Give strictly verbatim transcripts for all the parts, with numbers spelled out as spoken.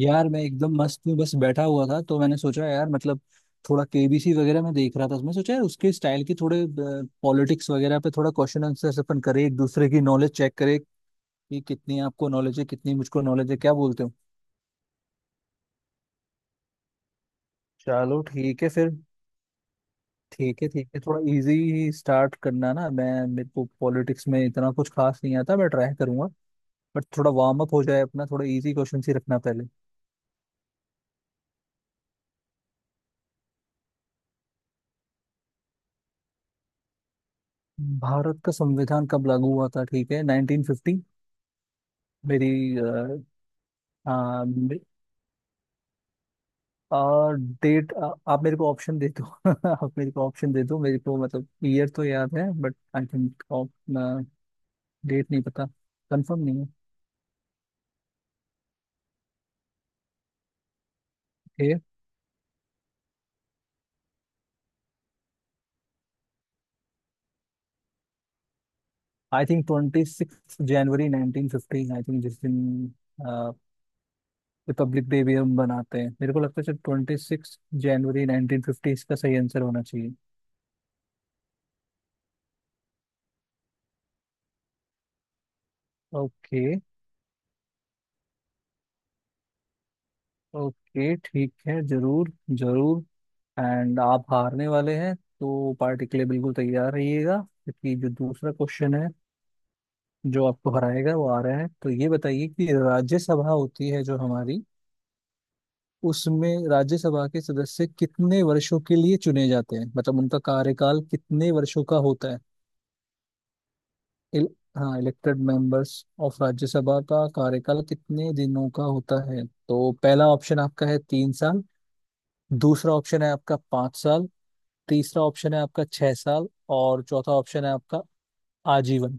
यार मैं एकदम मस्त हूँ। बस बैठा हुआ था तो मैंने सोचा यार मतलब थोड़ा केबीसी वगैरह में देख रहा था तो मैं सोचा यार उसके स्टाइल की थोड़े पॉलिटिक्स वगैरह पे थोड़ा क्वेश्चन आंसर अपन करें, एक दूसरे की नॉलेज चेक करें कि कितनी आपको नॉलेज है कितनी मुझको नॉलेज है। क्या बोलते हो? चलो ठीक है फिर। ठीक है ठीक है, थोड़ा इजी स्टार्ट करना ना। मैं, मेरे को पॉलिटिक्स में इतना कुछ खास नहीं आता, मैं ट्राई करूंगा बट थोड़ा वार्म अप हो जाए अपना, थोड़ा इजी क्वेश्चन ही रखना पहले। भारत का संविधान कब लागू हुआ था? ठीक है, नाइनटीन फिफ्टी। मेरी, हाँ मे- और डेट, आ, आप मेरे को ऑप्शन दे दो। आप मेरे को ऑप्शन दे दो, मेरे को मतलब ईयर तो याद है बट आई थिंक डेट नहीं पता, कंफर्म नहीं है। I think twenty six January nineteen fifteen, I think जिस दिन रिपब्लिक डे भी हम बनाते हैं। मेरे को लगता है twenty six January nineteen fifty इसका सही आंसर होना चाहिए। ओके, ओके ठीक है, जरूर जरूर। एंड आप हारने वाले हैं तो पार्टी के लिए बिल्कुल तैयार रहिएगा, क्योंकि जो दूसरा क्वेश्चन है, जो आपको हराएगा, वो आ रहा है। तो ये बताइए कि राज्यसभा होती है जो हमारी, उसमें राज्यसभा के सदस्य कितने वर्षों के लिए चुने जाते हैं, मतलब उनका कार्यकाल कितने वर्षों का होता है। इल, हाँ, इलेक्टेड मेंबर्स ऑफ राज्यसभा का कार्यकाल कितने दिनों का होता है? तो पहला ऑप्शन आपका है तीन साल, दूसरा ऑप्शन है आपका पाँच साल, तीसरा ऑप्शन है आपका छह साल, और चौथा ऑप्शन है आपका आजीवन।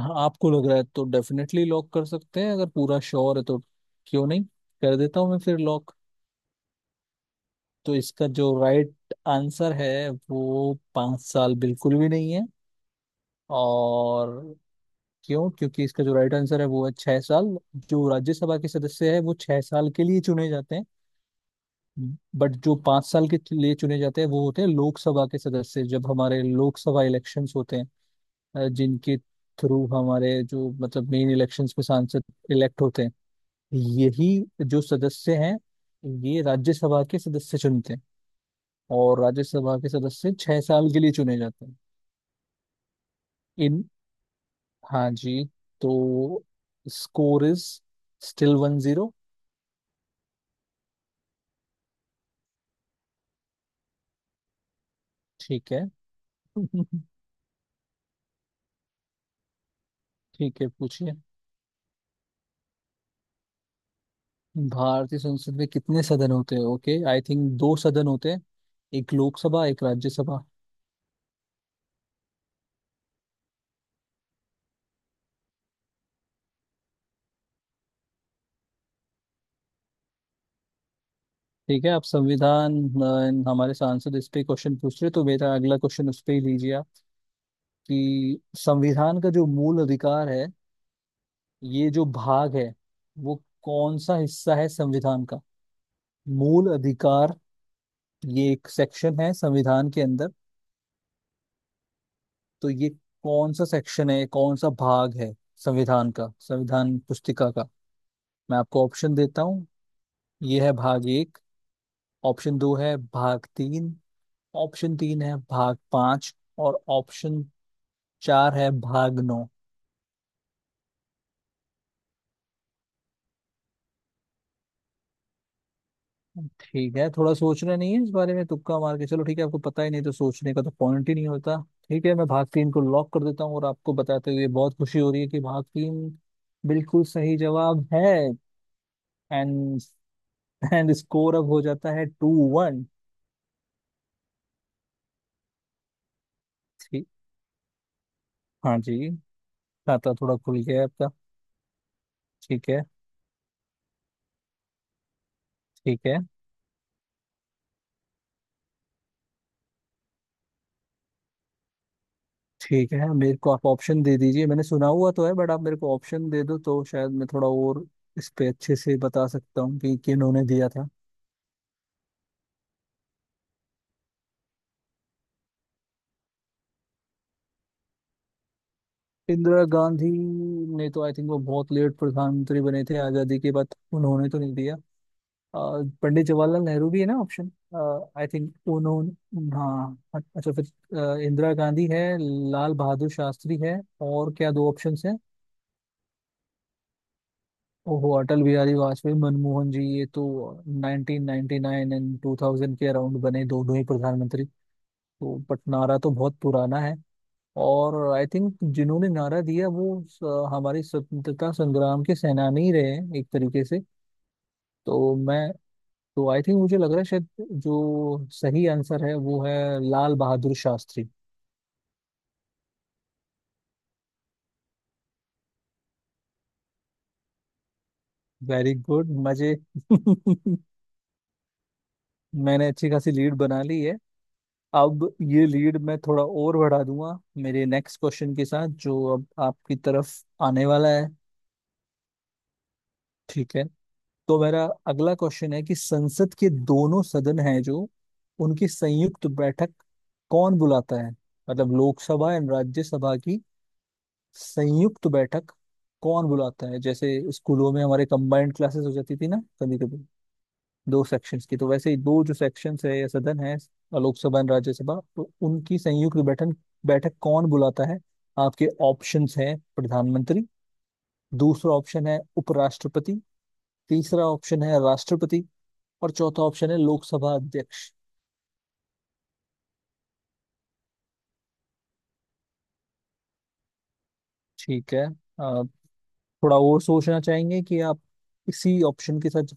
हाँ, आपको लग रहा है तो डेफिनेटली लॉक कर सकते हैं। अगर पूरा श्योर है तो क्यों नहीं, कर देता हूँ मैं फिर लॉक। तो इसका जो राइट आंसर है वो पाँच साल बिल्कुल भी नहीं है। और क्यों? क्योंकि इसका जो राइट आंसर है वो है छह साल। जो राज्यसभा के सदस्य है वो छह साल के लिए चुने जाते हैं। बट जो पाँच साल के लिए चुने जाते हैं वो होते हैं लोकसभा के सदस्य, जब हमारे लोकसभा इलेक्शंस होते हैं अ, जिनके थ्रू हमारे जो मतलब मेन इलेक्शंस में सांसद इलेक्ट होते हैं, यही जो सदस्य हैं, ये राज्यसभा के सदस्य चुनते हैं, और राज्यसभा के सदस्य छह साल के लिए चुने जाते हैं। इन, हाँ जी। तो score is still one zero. ठीक है। ठीक है, पूछिए। भारतीय संसद में कितने सदन होते हैं? ओके, आई थिंक दो सदन होते हैं, एक लोकसभा एक राज्यसभा। ठीक है, आप संविधान, अ, हमारे सांसद इस पे क्वेश्चन पूछ रहे तो मेरा अगला क्वेश्चन उस पे ही लीजिए आप। कि संविधान का जो मूल अधिकार है, ये जो भाग है, वो कौन सा हिस्सा है संविधान का? मूल अधिकार, ये एक सेक्शन है संविधान के अंदर। तो ये कौन सा सेक्शन है, कौन सा भाग है संविधान का, संविधान पुस्तिका का? मैं आपको ऑप्शन देता हूँ। ये है भाग एक, ऑप्शन दो है भाग तीन, ऑप्शन तीन है भाग पांच, और ऑप्शन चार है भागनो। ठीक है, थोड़ा सोचना नहीं है इस बारे में, तुक्का मार के। चलो ठीक है, आपको पता ही नहीं तो सोचने का तो पॉइंट ही नहीं होता। ठीक है, मैं भाग तीन को लॉक कर देता हूँ और आपको बताते हुए बहुत खुशी हो रही है कि भाग तीन बिल्कुल सही जवाब है। एंड एंड स्कोर अब हो जाता है टू वन। ठीक, हाँ जी, खाता थोड़ा खुल गया है आपका। ठीक है, ठीक है। ठीक है, मेरे को आप ऑप्शन दे दीजिए। मैंने सुना हुआ तो है बट आप मेरे को ऑप्शन दे दो तो शायद मैं थोड़ा और इस पे अच्छे से बता सकता हूँ कि किन्होंने दिया था। इंदिरा गांधी ने तो आई थिंक, वो बहुत लेट प्रधानमंत्री बने थे आजादी के बाद, उन्होंने तो नहीं दिया। अ, पंडित जवाहरलाल नेहरू भी है ना ऑप्शन? आई थिंक उन्होंने, हाँ। अच्छा फिर, अ, इंदिरा गांधी है, लाल बहादुर शास्त्री है, और क्या दो ऑप्शन हैं? ओहो, अटल बिहारी वाजपेयी मनमोहन जी, ये तो नाइनटीन नाइंटी नाइन एंड दो हज़ार के अराउंड बने दोनों ही प्रधानमंत्री। तो बट नारा तो बहुत पुराना है, और आई थिंक जिन्होंने नारा दिया वो स- हमारे स्वतंत्रता संग्राम के सेनानी ही रहे हैं एक तरीके से। तो मैं, तो आई थिंक मुझे लग रहा है शायद जो सही आंसर है वो है लाल बहादुर शास्त्री। वेरी गुड, मजे। मैंने अच्छी खासी लीड बना ली है। अब ये लीड मैं थोड़ा और बढ़ा दूंगा मेरे नेक्स्ट क्वेश्चन के साथ, जो अब आपकी तरफ आने वाला है। ठीक है, तो मेरा अगला क्वेश्चन है कि संसद के दोनों सदन हैं जो, उनकी संयुक्त बैठक कौन बुलाता है? मतलब लोकसभा एंड राज्यसभा की संयुक्त बैठक कौन बुलाता है? जैसे स्कूलों में हमारे कंबाइंड क्लासेस हो जाती थी ना कभी कभी, दो सेक्शंस की। तो वैसे ही दो जो सेक्शंस है या सदन है, लोकसभा एंड राज्यसभा, तो उनकी संयुक्त बैठक, बैठक कौन बुलाता है? आपके ऑप्शंस हैं, प्रधानमंत्री, दूसरा ऑप्शन है उपराष्ट्रपति, तीसरा ऑप्शन है राष्ट्रपति, और चौथा ऑप्शन है लोकसभा अध्यक्ष। ठीक है, अ, थोड़ा और सोचना चाहेंगे कि आप, इसी ऑप्शन के साथ?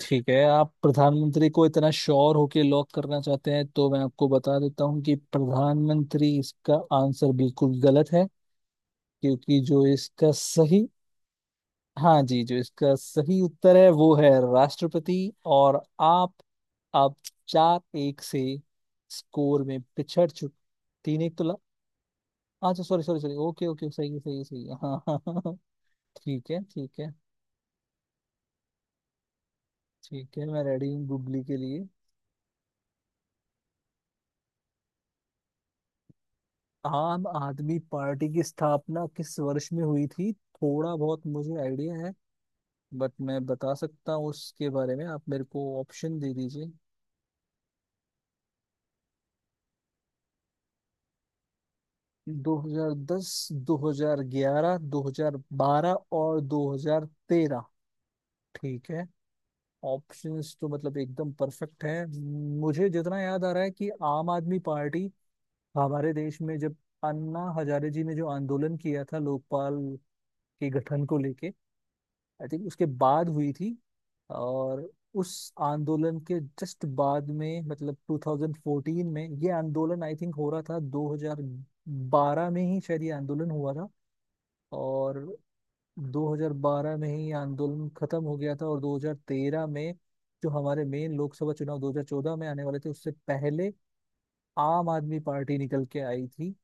ठीक है, आप प्रधानमंत्री को इतना श्योर होके लॉक करना चाहते हैं, तो मैं आपको बता देता हूँ कि प्रधानमंत्री इसका आंसर बिल्कुल गलत है। क्योंकि जो इसका सही, हाँ जी, जो इसका सही उत्तर है वो है राष्ट्रपति। और आप अब चार एक से स्कोर में पिछड़ चुके। तीन एक तो, अच्छा sorry sorry sorry, okay okay, सही है सही है सही है, हाँ हाँ हाँ हाँ। ठीक है, ठीक है। ठीक है, मैं रेडी हूँ गुगली के लिए। आम आदमी पार्टी की स्थापना किस वर्ष में हुई थी, थोड़ा बहुत मुझे आइडिया है, बट मैं बता सकता हूँ उसके बारे में। आप मेरे को ऑप्शन दे दीजिए। दो हज़ार दस, दो हज़ार ग्यारह, दो हज़ार बारह और दो हज़ार तेरह। ठीक है, ऑप्शंस तो मतलब एकदम परफेक्ट है। मुझे जितना याद आ रहा है कि आम आदमी पार्टी हमारे देश में, जब अन्ना हजारे जी ने जो आंदोलन किया था लोकपाल के गठन को लेके, आई थिंक उसके बाद हुई थी। और उस आंदोलन के जस्ट बाद में, मतलब ट्वेंटी फोर्टीन में ये आंदोलन आई थिंक हो रहा था, दो हज़ार बारह में ही शायद ये आंदोलन हुआ था। और दो हज़ार बारह में ही ये आंदोलन खत्म हो गया था, और दो हज़ार तेरह में, जो हमारे मेन लोकसभा चुनाव दो हज़ार चौदह में आने वाले थे उससे पहले, आम आदमी पार्टी निकल के आई थी।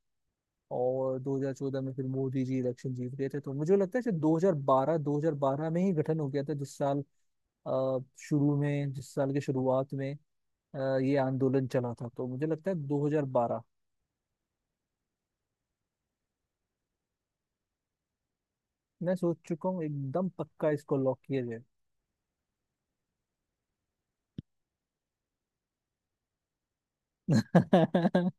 और दो हज़ार चौदह में फिर मोदी जी इलेक्शन जीत गए थे। तो मुझे लगता है कि दो हज़ार बारह दो हज़ार बारह में ही गठन हो गया था, जिस साल, अ, शुरू में जिस साल की शुरुआत में अ, ये आंदोलन चला था, तो मुझे लगता है दो हज़ार बारह। मैं सोच चुका हूँ एकदम पक्का, इसको लॉक किया जाए।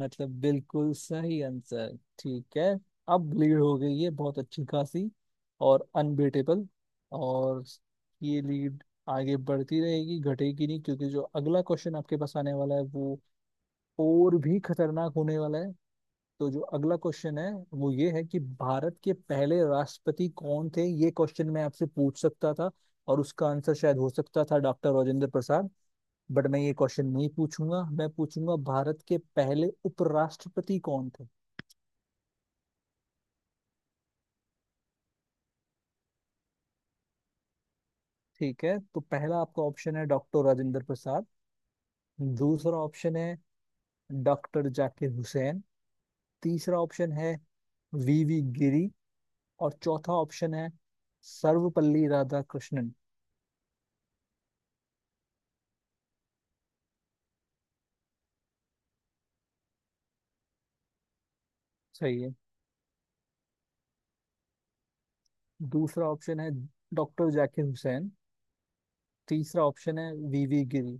मतलब बिल्कुल सही आंसर, ठीक है। अब लीड हो गई है बहुत अच्छी खासी और अनबीटेबल। और ये लीड आगे बढ़ती रहेगी, घटेगी नहीं, क्योंकि जो अगला क्वेश्चन आपके पास आने वाला है वो और भी खतरनाक होने वाला है। तो जो अगला क्वेश्चन है वो ये है कि भारत के पहले राष्ट्रपति कौन थे, ये क्वेश्चन मैं आपसे पूछ सकता था, और उसका आंसर शायद हो सकता था डॉक्टर राजेंद्र प्रसाद। बट मैं ये क्वेश्चन नहीं पूछूंगा, मैं पूछूंगा भारत के पहले उपराष्ट्रपति कौन थे? ठीक है, तो पहला आपका ऑप्शन है डॉक्टर राजेंद्र प्रसाद, दूसरा ऑप्शन है डॉक्टर जाकिर हुसैन, तीसरा ऑप्शन है वीवी गिरी, और चौथा ऑप्शन है सर्वपल्ली राधाकृष्णन। सही है। दूसरा ऑप्शन है डॉक्टर जाकिर हुसैन, तीसरा ऑप्शन है वीवी गिरी।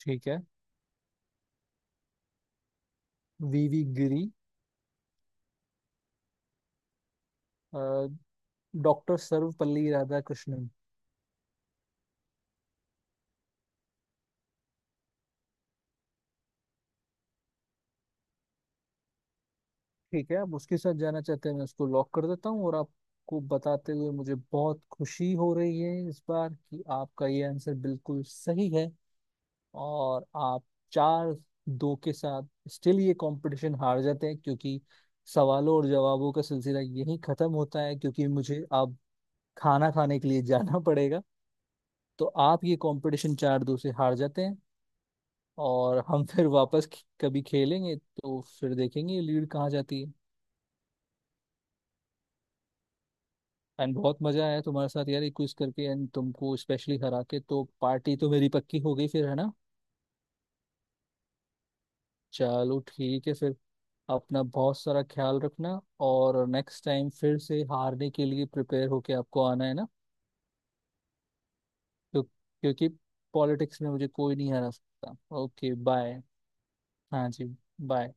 ठीक है, वीवी गिरी, अ, डॉक्टर सर्वपल्ली राधाकृष्णन। ठीक है, आप उसके साथ जाना चाहते हैं, मैं उसको लॉक कर देता हूँ और आपको बताते हुए मुझे बहुत खुशी हो रही है इस बार कि आपका ये आंसर बिल्कुल सही है। और आप चार दो के साथ स्टिल ये कंपटीशन हार जाते हैं, क्योंकि सवालों और जवाबों का सिलसिला यहीं खत्म होता है, क्योंकि मुझे अब खाना खाने के लिए जाना पड़ेगा। तो आप ये कंपटीशन चार दो से हार जाते हैं, और हम फिर वापस कभी खेलेंगे तो फिर देखेंगे लीड कहाँ जाती है। एंड बहुत मजा आया तुम्हारे साथ यार ये क्विज करके, एंड तुमको स्पेशली हरा के तो पार्टी तो मेरी पक्की हो गई फिर, है ना? चलो ठीक है फिर, अपना बहुत सारा ख्याल रखना, और नेक्स्ट टाइम फिर से हारने के लिए प्रिपेयर होके आपको आना है, ना? तो क्योंकि पॉलिटिक्स में मुझे कोई नहीं हरा सकता। Okay bye. हाँ जी, बाय।